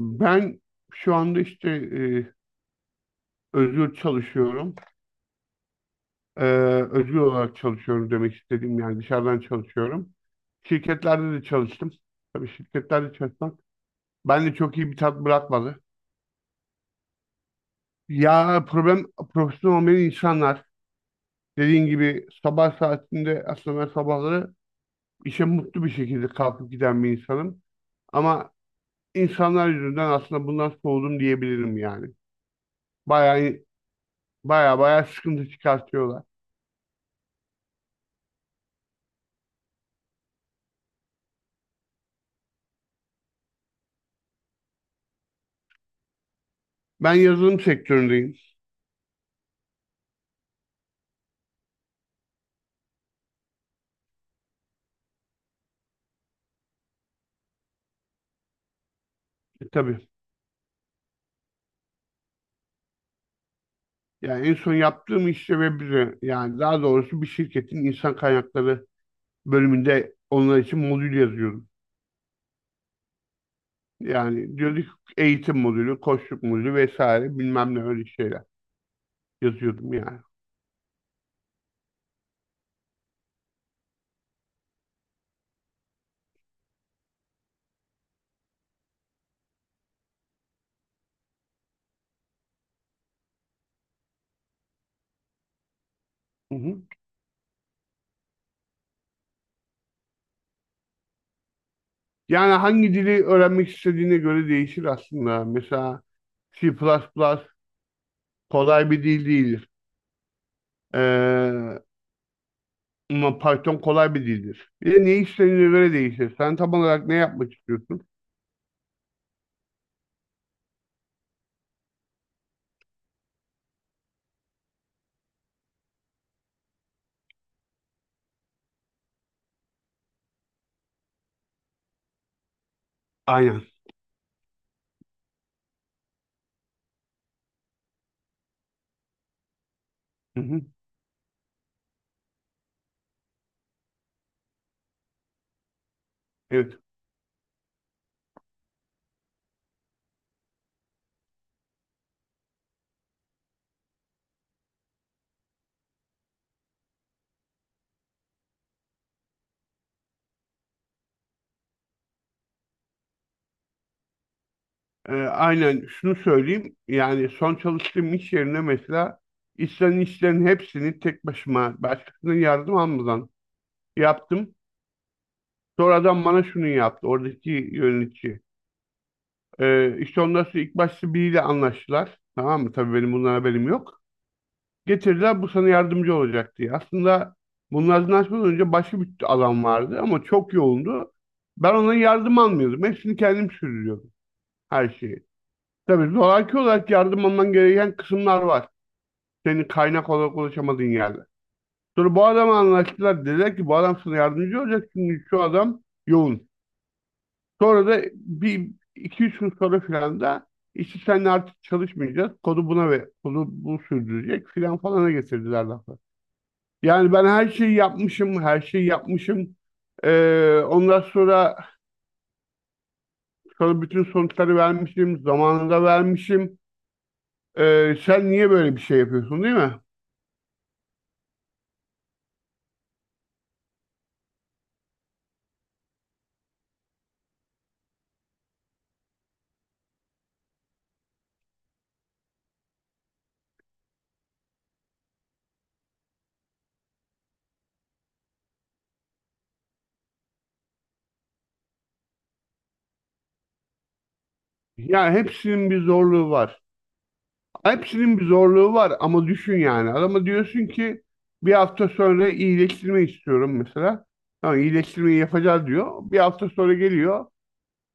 Ben şu anda işte özgür çalışıyorum. E, Özgür olarak çalışıyorum demek istediğim yani dışarıdan çalışıyorum. Şirketlerde de çalıştım. Tabii şirketlerde çalışmak bende çok iyi bir tat bırakmadı. Ya problem profesyonel olmayan insanlar dediğin gibi sabah saatinde aslında ben sabahları işe mutlu bir şekilde kalkıp giden bir insanım. Ama insanlar yüzünden aslında bundan soğudum diyebilirim yani. Bayağı bayağı bayağı sıkıntı çıkartıyorlar. Ben yazılım sektöründeyim. Tabii. Yani en son yaptığım iş de web üzerine. Yani daha doğrusu bir şirketin insan kaynakları bölümünde onlar için modül yazıyorum. Yani diyorduk eğitim modülü, koçluk modülü vesaire bilmem ne öyle şeyler yazıyordum yani. Hı hı. Yani hangi dili öğrenmek istediğine göre değişir aslında. Mesela C++ plus plus kolay bir dil değildir. Ee, ama Python kolay bir dildir. Bir de ne istediğine göre değişir. Sen tam olarak ne yapmak istiyorsun? Aynen. Hı hı. Evet. Aynen şunu söyleyeyim. Yani son çalıştığım iş yerine mesela istenen işlerin hepsini tek başıma başkasının yardım almadan yaptım. Sonra adam bana şunu yaptı. Oradaki yönetici. İşte ondan sonra ilk başta biriyle anlaştılar. Tamam mı? Tabii benim bundan haberim yok. Getirdiler bu sana yardımcı olacak diye. Aslında bunlardan anlaşmadan önce başka bir alan vardı ama çok yoğundu. Ben ona yardım almıyordum. Hepsini kendim sürdürüyordum. Her şeyi. Tabii zoraki olarak yardım alman gereken kısımlar var. Senin kaynak olarak ulaşamadığın yerde. Sonra bu adamla anlaştılar. Dediler ki bu adam sana yardımcı olacak çünkü şu adam yoğun. Sonra da bir iki üç gün sonra filan da işte seninle artık çalışmayacağız. Kodu buna ve kodu bu sürdürecek filan falana getirdiler lafı. Yani ben her şeyi yapmışım, her şeyi yapmışım. Ondan sonra sana bütün sonuçları vermişim, zamanında vermişim. Sen niye böyle bir şey yapıyorsun değil mi? Ya hepsinin bir zorluğu var. Hepsinin bir zorluğu var ama düşün yani. Adama diyorsun ki bir hafta sonra iyileştirme istiyorum mesela. Tamam, iyileştirmeyi yapacağız diyor. Bir hafta sonra geliyor.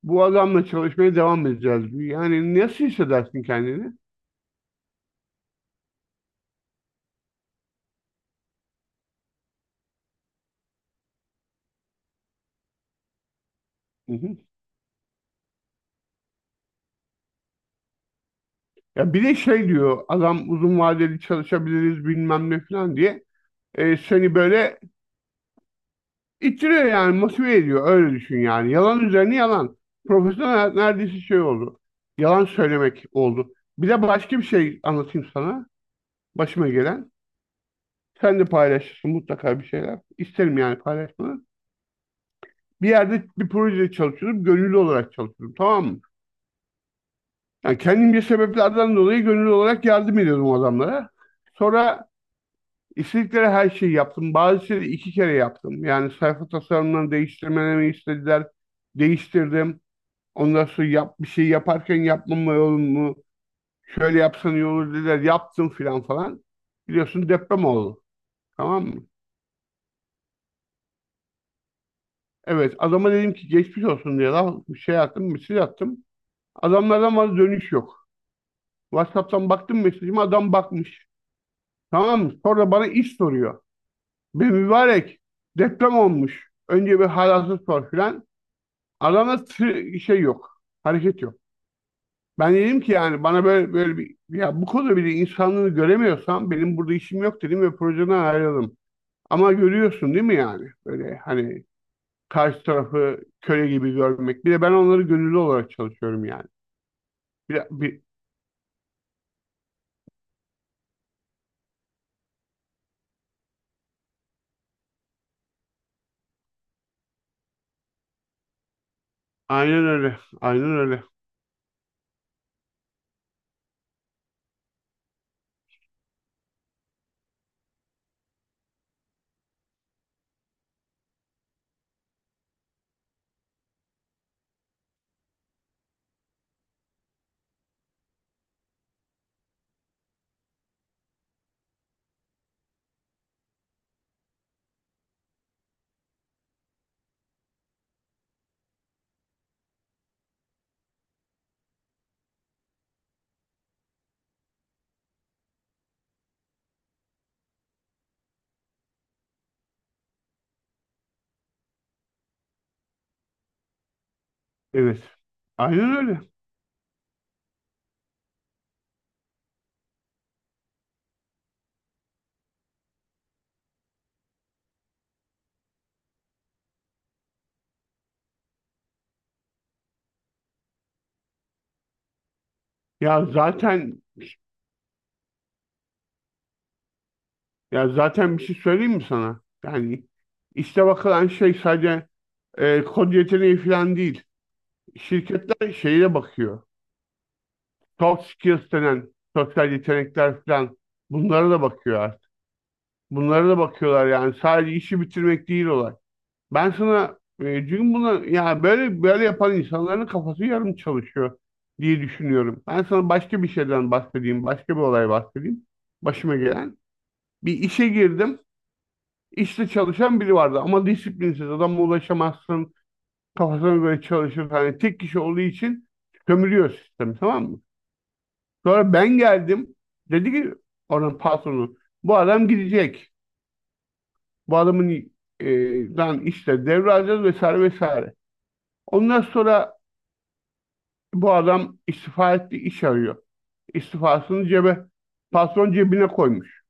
Bu adamla çalışmaya devam edeceğiz diyor. Yani nasıl hissedersin kendini? Hı hı. Ya bir de şey diyor adam uzun vadeli çalışabiliriz bilmem ne falan diye. Seni böyle İttiriyor yani motive ediyor öyle düşün yani. Yalan üzerine yalan. Profesyonel hayat neredeyse şey oldu. Yalan söylemek oldu. Bir de başka bir şey anlatayım sana. Başıma gelen. Sen de paylaşırsın mutlaka bir şeyler. İsterim yani paylaşmanı. Bir yerde bir projede çalışıyordum. Gönüllü olarak çalışıyordum, tamam mı? Yani kendimce sebeplerden dolayı gönüllü olarak yardım ediyordum o adamlara. Sonra istedikleri her şeyi yaptım. Bazı şeyleri iki kere yaptım. Yani sayfa tasarımlarını değiştirmemi istediler. Değiştirdim. Ondan sonra yap, bir şey yaparken yapmama olur mu? Şöyle yapsan iyi olur dediler. Yaptım filan falan. Biliyorsun deprem oldu. Tamam mı? Evet, adama dedim ki geçmiş olsun diye lan, bir şey attım, mesaj attım. Adamlardan bana dönüş yok. WhatsApp'tan baktım mesajıma, adam bakmış. Tamam mı? Sonra bana iş soruyor. Be mübarek, deprem olmuş. Önce bir halasını sor filan. Adamda şey yok. Hareket yok. Ben dedim ki yani bana böyle böyle bir ya bu konuda bile insanlığını göremiyorsam benim burada işim yok dedim ve projeden ayrıldım. Ama görüyorsun değil mi yani? Böyle hani karşı tarafı köle gibi görmek. Bir de ben onları gönüllü olarak çalışıyorum yani. Bir, aynen öyle. Aynen öyle. Evet. Aynen öyle. Ya zaten ya zaten bir şey söyleyeyim mi sana? Yani işte bakılan şey sadece kod yeteneği falan değil. Şirketler şeye bakıyor. Soft skills denen sosyal yetenekler falan, bunlara da bakıyor artık. Bunlara da bakıyorlar yani sadece işi bitirmek değil olay. Ben sana çünkü bunu ya böyle böyle yapan insanların kafası yarım çalışıyor diye düşünüyorum. Ben sana başka bir şeyden bahsedeyim, başka bir olay bahsedeyim. Başıma gelen. Bir işe girdim. İşte çalışan biri vardı ama disiplinsiz, adama ulaşamazsın. Kafasına göre çalışır. Hani tek kişi olduğu için sömürüyor sistemi, tamam mı? Sonra ben geldim. Dedi ki oranın patronu, bu adam gidecek. Bu adamın e, dan işte devralacağız vesaire vesaire. Ondan sonra bu adam istifa etti, iş arıyor. İstifasını cebe, patron cebine koymuş.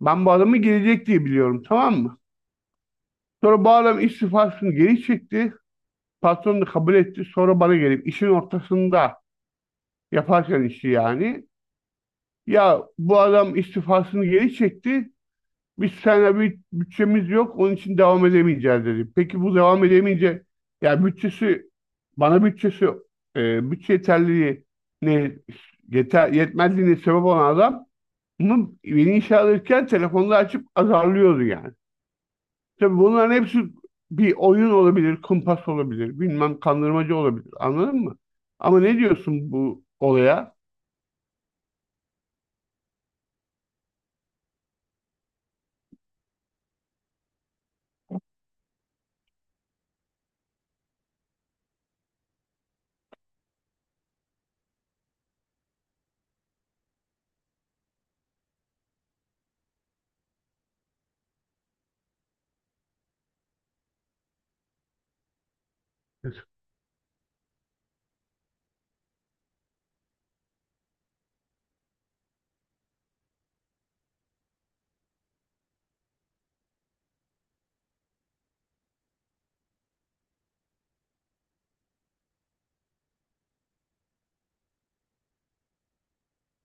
Ben bu adamı gelecek diye biliyorum, tamam mı? Sonra bu adam istifasını geri çekti. Patron da kabul etti. Sonra bana gelip işin ortasında, yaparken işi yani. Ya bu adam istifasını geri çekti, biz seninle bir bütçemiz yok onun için devam edemeyeceğiz dedi. Peki bu devam edemeyince ya bütçesi, bana bütçesi, bütçe yeterliliği ne yeter, yetmezliğine sebep olan adam bunu beni işe alırken telefonla açıp azarlıyordu yani. Tabii bunların hepsi bir oyun olabilir, kumpas olabilir, bilmem kandırmacı olabilir. Anladın mı? Ama ne diyorsun bu olaya?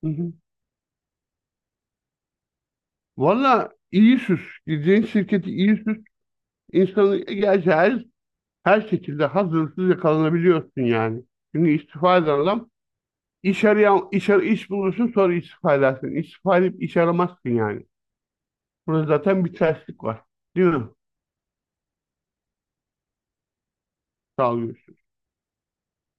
Hı hı. Valla iyi süs. Gideceğin şirketi iyi süs. İnsanı gerçi her şekilde hazırsız yakalanabiliyorsun yani. Çünkü istifa eden adam iş arayan, iş bulursun sonra istifa edersin. İstifa edip iş aramazsın yani. Burada zaten bir terslik var. Değil mi? Sağ ol, görüşürüz.